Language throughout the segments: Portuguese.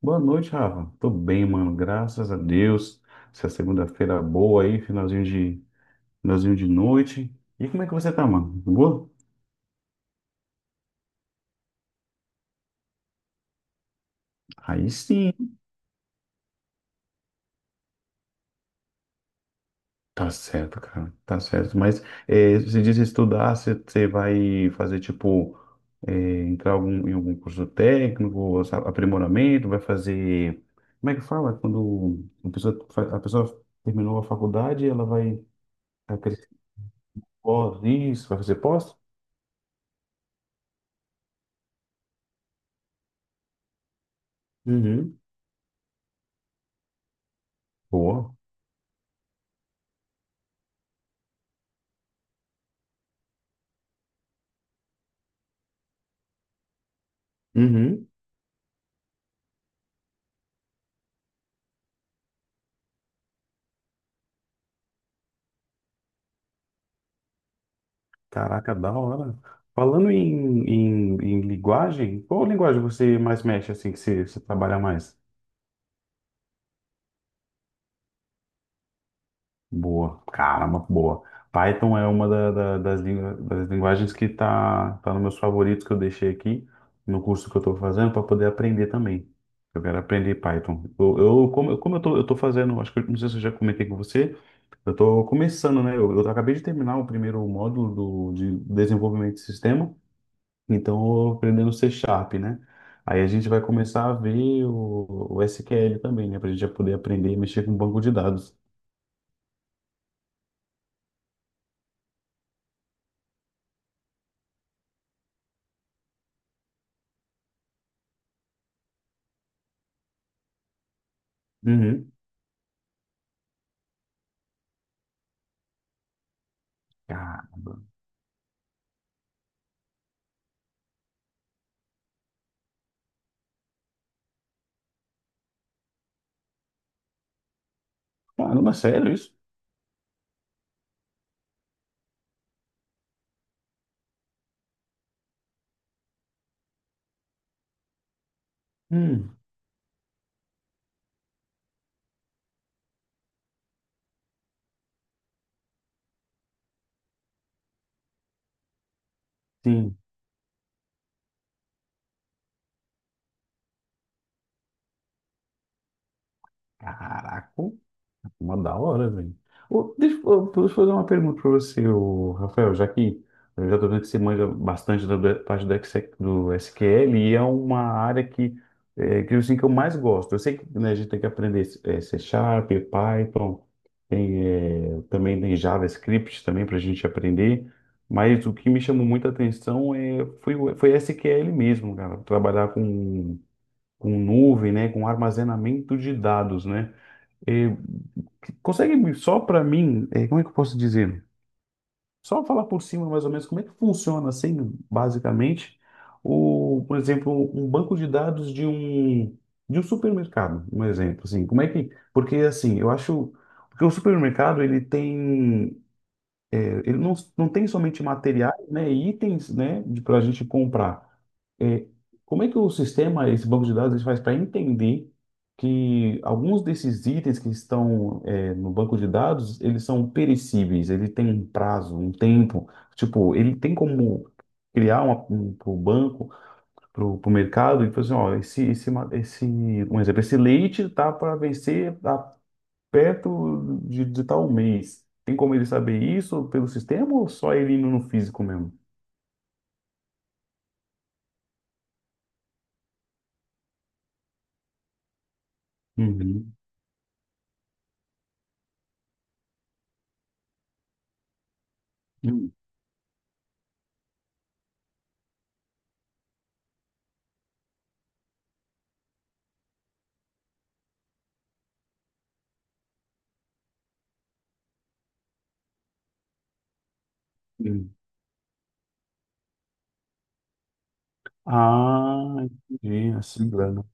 Boa noite, Rafa. Tô bem, mano. Graças a Deus. Essa segunda-feira boa aí, finalzinho de noite. E como é que você tá, mano? Boa? Aí sim. Tá certo, cara. Tá certo. Mas é, você disse estudar, você vai fazer tipo entrar em algum curso técnico, aprimoramento, vai fazer. Como é que fala? Quando a pessoa, a pessoa terminou a faculdade, ela vai, vai crescer pós, isso, vai fazer pós? Uhum. Boa. Uhum. Caraca, da hora. Falando em linguagem, qual linguagem você mais mexe, assim, que você trabalha mais? Boa, caramba, boa. Python é uma das, das linguagens que tá nos meus favoritos que eu deixei aqui no curso que eu estou fazendo para poder aprender também. Eu quero aprender Python. Como, como eu tô fazendo, acho que não sei se eu já comentei com você, eu tô começando, né? Eu acabei de terminar o primeiro módulo do, de desenvolvimento de sistema. Então, eu aprendendo C Sharp, né? Aí a gente vai começar a ver o SQL também, né? Para a gente já poder aprender e mexer com um banco de dados. Uhum. Ca- Caramba, sério isso? Hum, sim. Caraca. Uma da hora, velho. Ô, deixa eu fazer uma pergunta pra você, ô, Rafael, já que eu já tô vendo que você manja bastante da parte do, do SQL e é uma área que, é, que, assim, que eu mais gosto. Eu sei que né, a gente tem que aprender é, C Sharp, Python, tem, é, também tem JavaScript também para a gente aprender, mas o que me chamou muita atenção foi, foi SQL mesmo, cara. Trabalhar com nuvem, né, com armazenamento de dados, né? É, consegue só para mim, é, como é que eu posso dizer? Só falar por cima mais ou menos como é que funciona assim, basicamente, o, por exemplo, um banco de dados de um supermercado, um exemplo, assim, como é que? Porque assim, eu acho porque o supermercado ele tem ele não, não tem somente materiais, né, e itens, né, para a gente comprar. É, como é que o sistema, esse banco de dados, ele faz para entender que alguns desses itens que estão, é, no banco de dados, eles são perecíveis, ele tem um prazo, um tempo. Tipo, ele tem como criar uma, um, para o banco, para o mercado, e falar assim, ó, esse, um exemplo, esse leite tá para vencer perto de tal mês. Tem como ele saber isso pelo sistema ou só ele indo no físico mesmo? Uhum. Uhum. Uhum. Ah, entendi. Assim, grana.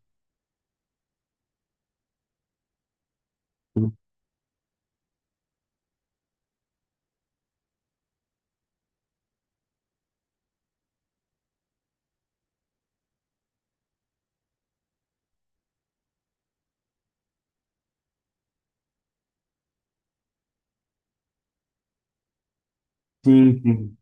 Sim, sim.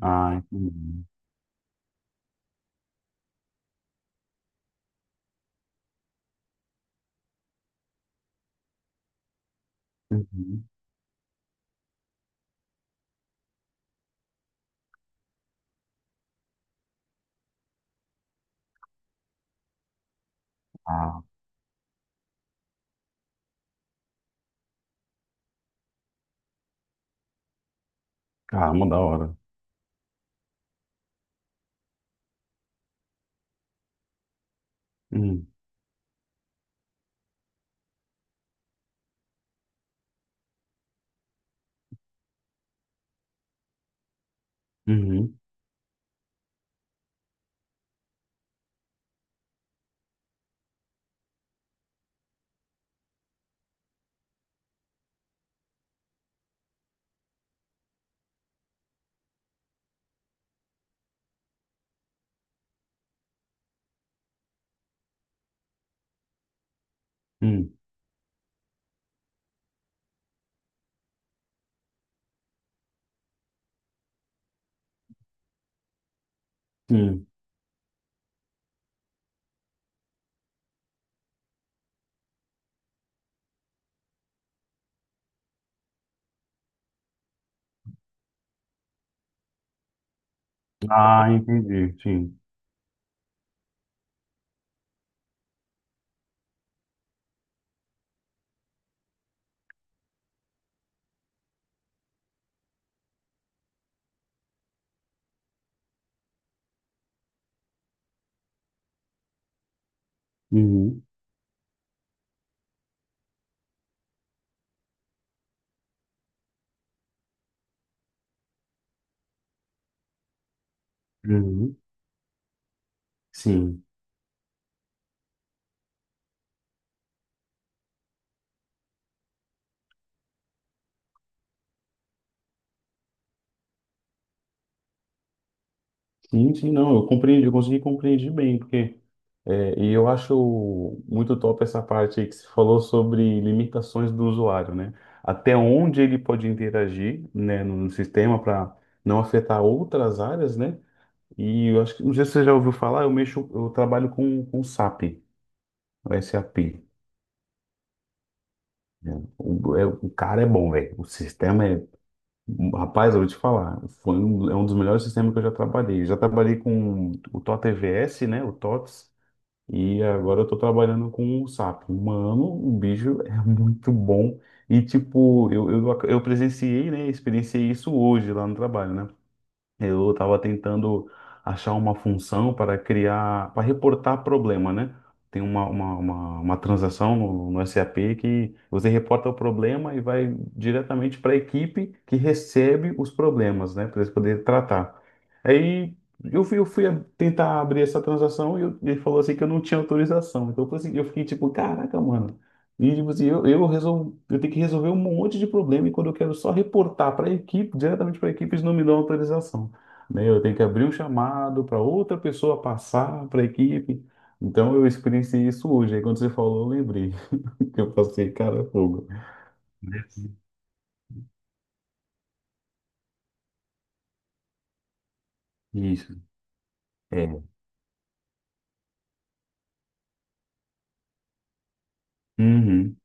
Ah, entendi. Uhum. Ah, caramba, da hora. Uhum. Uhum. Uhum. Sim. Ah, entendi. Sim. Uhum. Uhum. Sim. Sim, sim, não. Eu compreendi, eu consegui compreender bem, porque. É, e eu acho muito top essa parte aí que você falou sobre limitações do usuário, né? Até onde ele pode interagir, né, no sistema para não afetar outras áreas, né? E eu acho que, não sei se você já ouviu falar, eu mexo, eu trabalho com SAP, o SAP. Né? O, o cara é bom, velho. O sistema é. Rapaz, eu vou te falar, é um dos melhores sistemas que eu já trabalhei. Eu já trabalhei com o TOTVS, né? O TOTS. E agora eu tô trabalhando com o sapo. Mano, o bicho é muito bom. E, tipo, eu presenciei, né? Experienciei isso hoje lá no trabalho, né? Eu estava tentando achar uma função para criar, para reportar problema, né? Tem uma transação no SAP que você reporta o problema e vai diretamente para a equipe que recebe os problemas, né? Para eles poderem tratar. Aí eu fui tentar abrir essa transação e ele falou assim que eu não tinha autorização. Então eu falei assim, eu fiquei tipo, caraca, mano. E tipo assim, resol... eu tenho que resolver um monte de problema e quando eu quero só reportar para a equipe, diretamente para a equipe, eles não me dão autorização né? Eu tenho que abrir um chamado para outra pessoa passar para a equipe. Então eu experienciei isso hoje. Aí quando você falou, eu lembrei que eu passei, cara, é fogo. Isso. É. Uhum.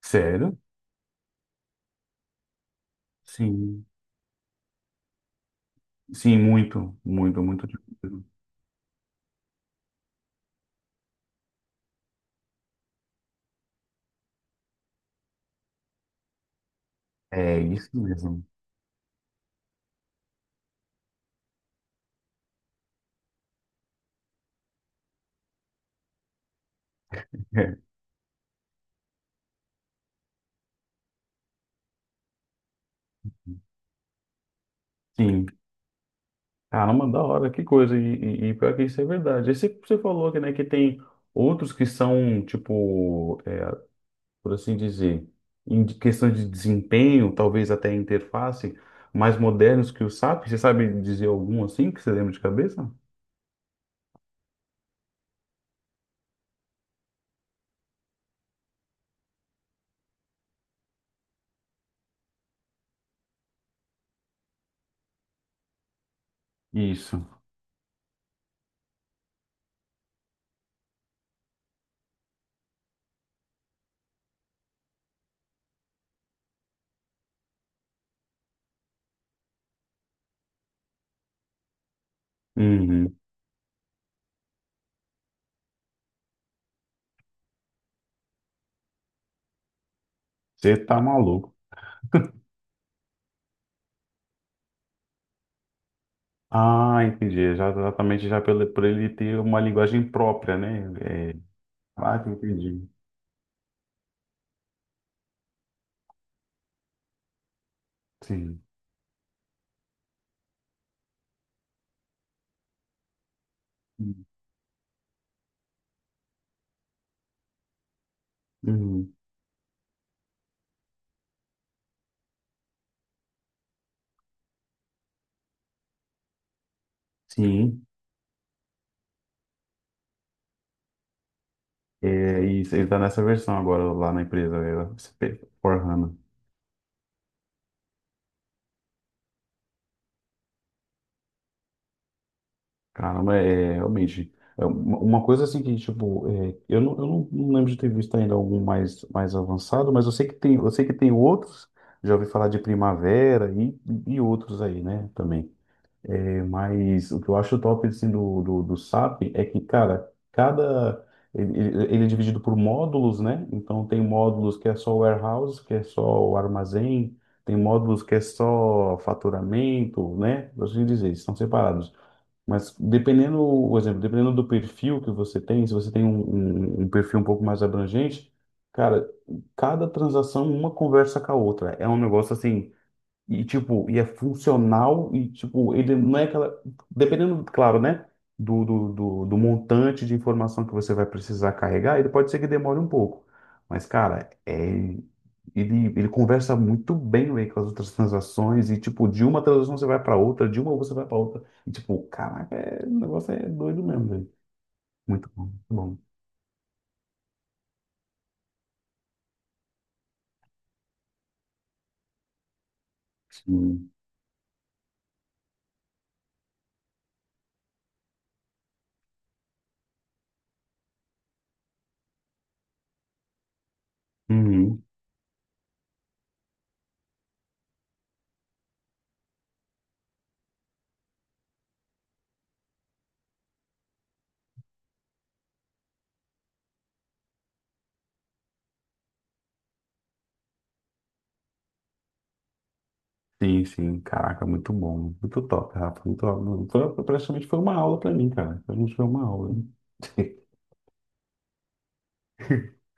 Sério? Sim. Sim, muito, muito, muito difícil. É isso mesmo. É. Sim. Caramba, da hora, que coisa. E, e pior que isso é verdade. Aí você, você falou que, né, que tem outros que são, tipo, por assim dizer, em questão de desempenho, talvez até interface, mais modernos que o SAP? Você sabe dizer algum assim que você lembra de cabeça? Isso. Uhum. Você tá maluco. Ah, entendi. Já, exatamente já pelo, por ele ter uma linguagem própria, né? É... Ah, entendi. Sim. Uhum. Sim. É, e você está nessa versão agora lá na empresa, é, SP, for hana. Caramba, é realmente. É uma coisa assim que, tipo, é, eu não, não lembro de ter visto ainda algum mais, mais avançado, mas eu sei que tem, eu sei que tem outros, já ouvi falar de Primavera e outros aí, né, também. É, mas o que eu acho top, assim, do SAP é que, cara, cada... ele é dividido por módulos, né? Então tem módulos que é só o warehouse, que é só o armazém, tem módulos que é só faturamento, né? Por assim dizer, eles estão separados. Mas dependendo, por exemplo, dependendo do perfil que você tem, se você tem um perfil um pouco mais abrangente, cara, cada transação uma conversa com a outra. É um negócio assim e, tipo, e é funcional e, tipo, ele não é aquela... Dependendo, claro, né? Do montante de informação que você vai precisar carregar, ele pode ser que demore um pouco. Mas, cara, é... ele conversa muito bem, véi, com as outras transações e, tipo, de uma transação você vai para outra, de uma você vai para outra. E, tipo, caraca, é... o negócio é doido mesmo, velho. Muito bom, muito bom. Sim. Uhum. Sim, sim, caraca, muito bom, muito top, Rafa, muito top. Foi, praticamente foi uma aula pra mim, cara, praticamente foi uma aula. Hein?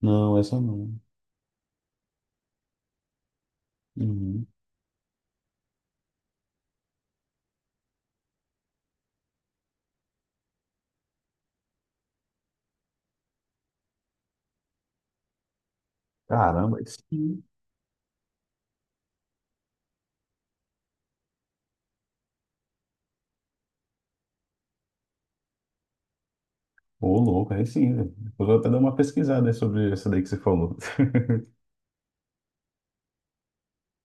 Não, essa não. Uhum. Caramba, aí sim. Ô, louco, aí sim, velho. Depois eu vou até dar uma pesquisada aí sobre essa daí que você falou.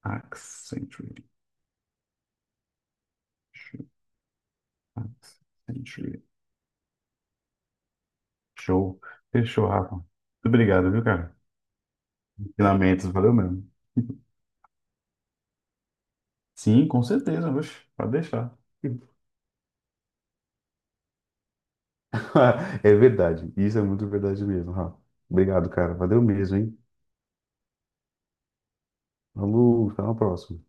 Accenture. Accenture. Show. Fechou, Rafa. Muito obrigado, viu, cara? Ensinamentos, valeu mesmo. Sim, com certeza, oxe, pode deixar. É verdade. Isso é muito verdade mesmo, Rafa. Obrigado, cara. Valeu mesmo, hein? Falou, até uma próxima.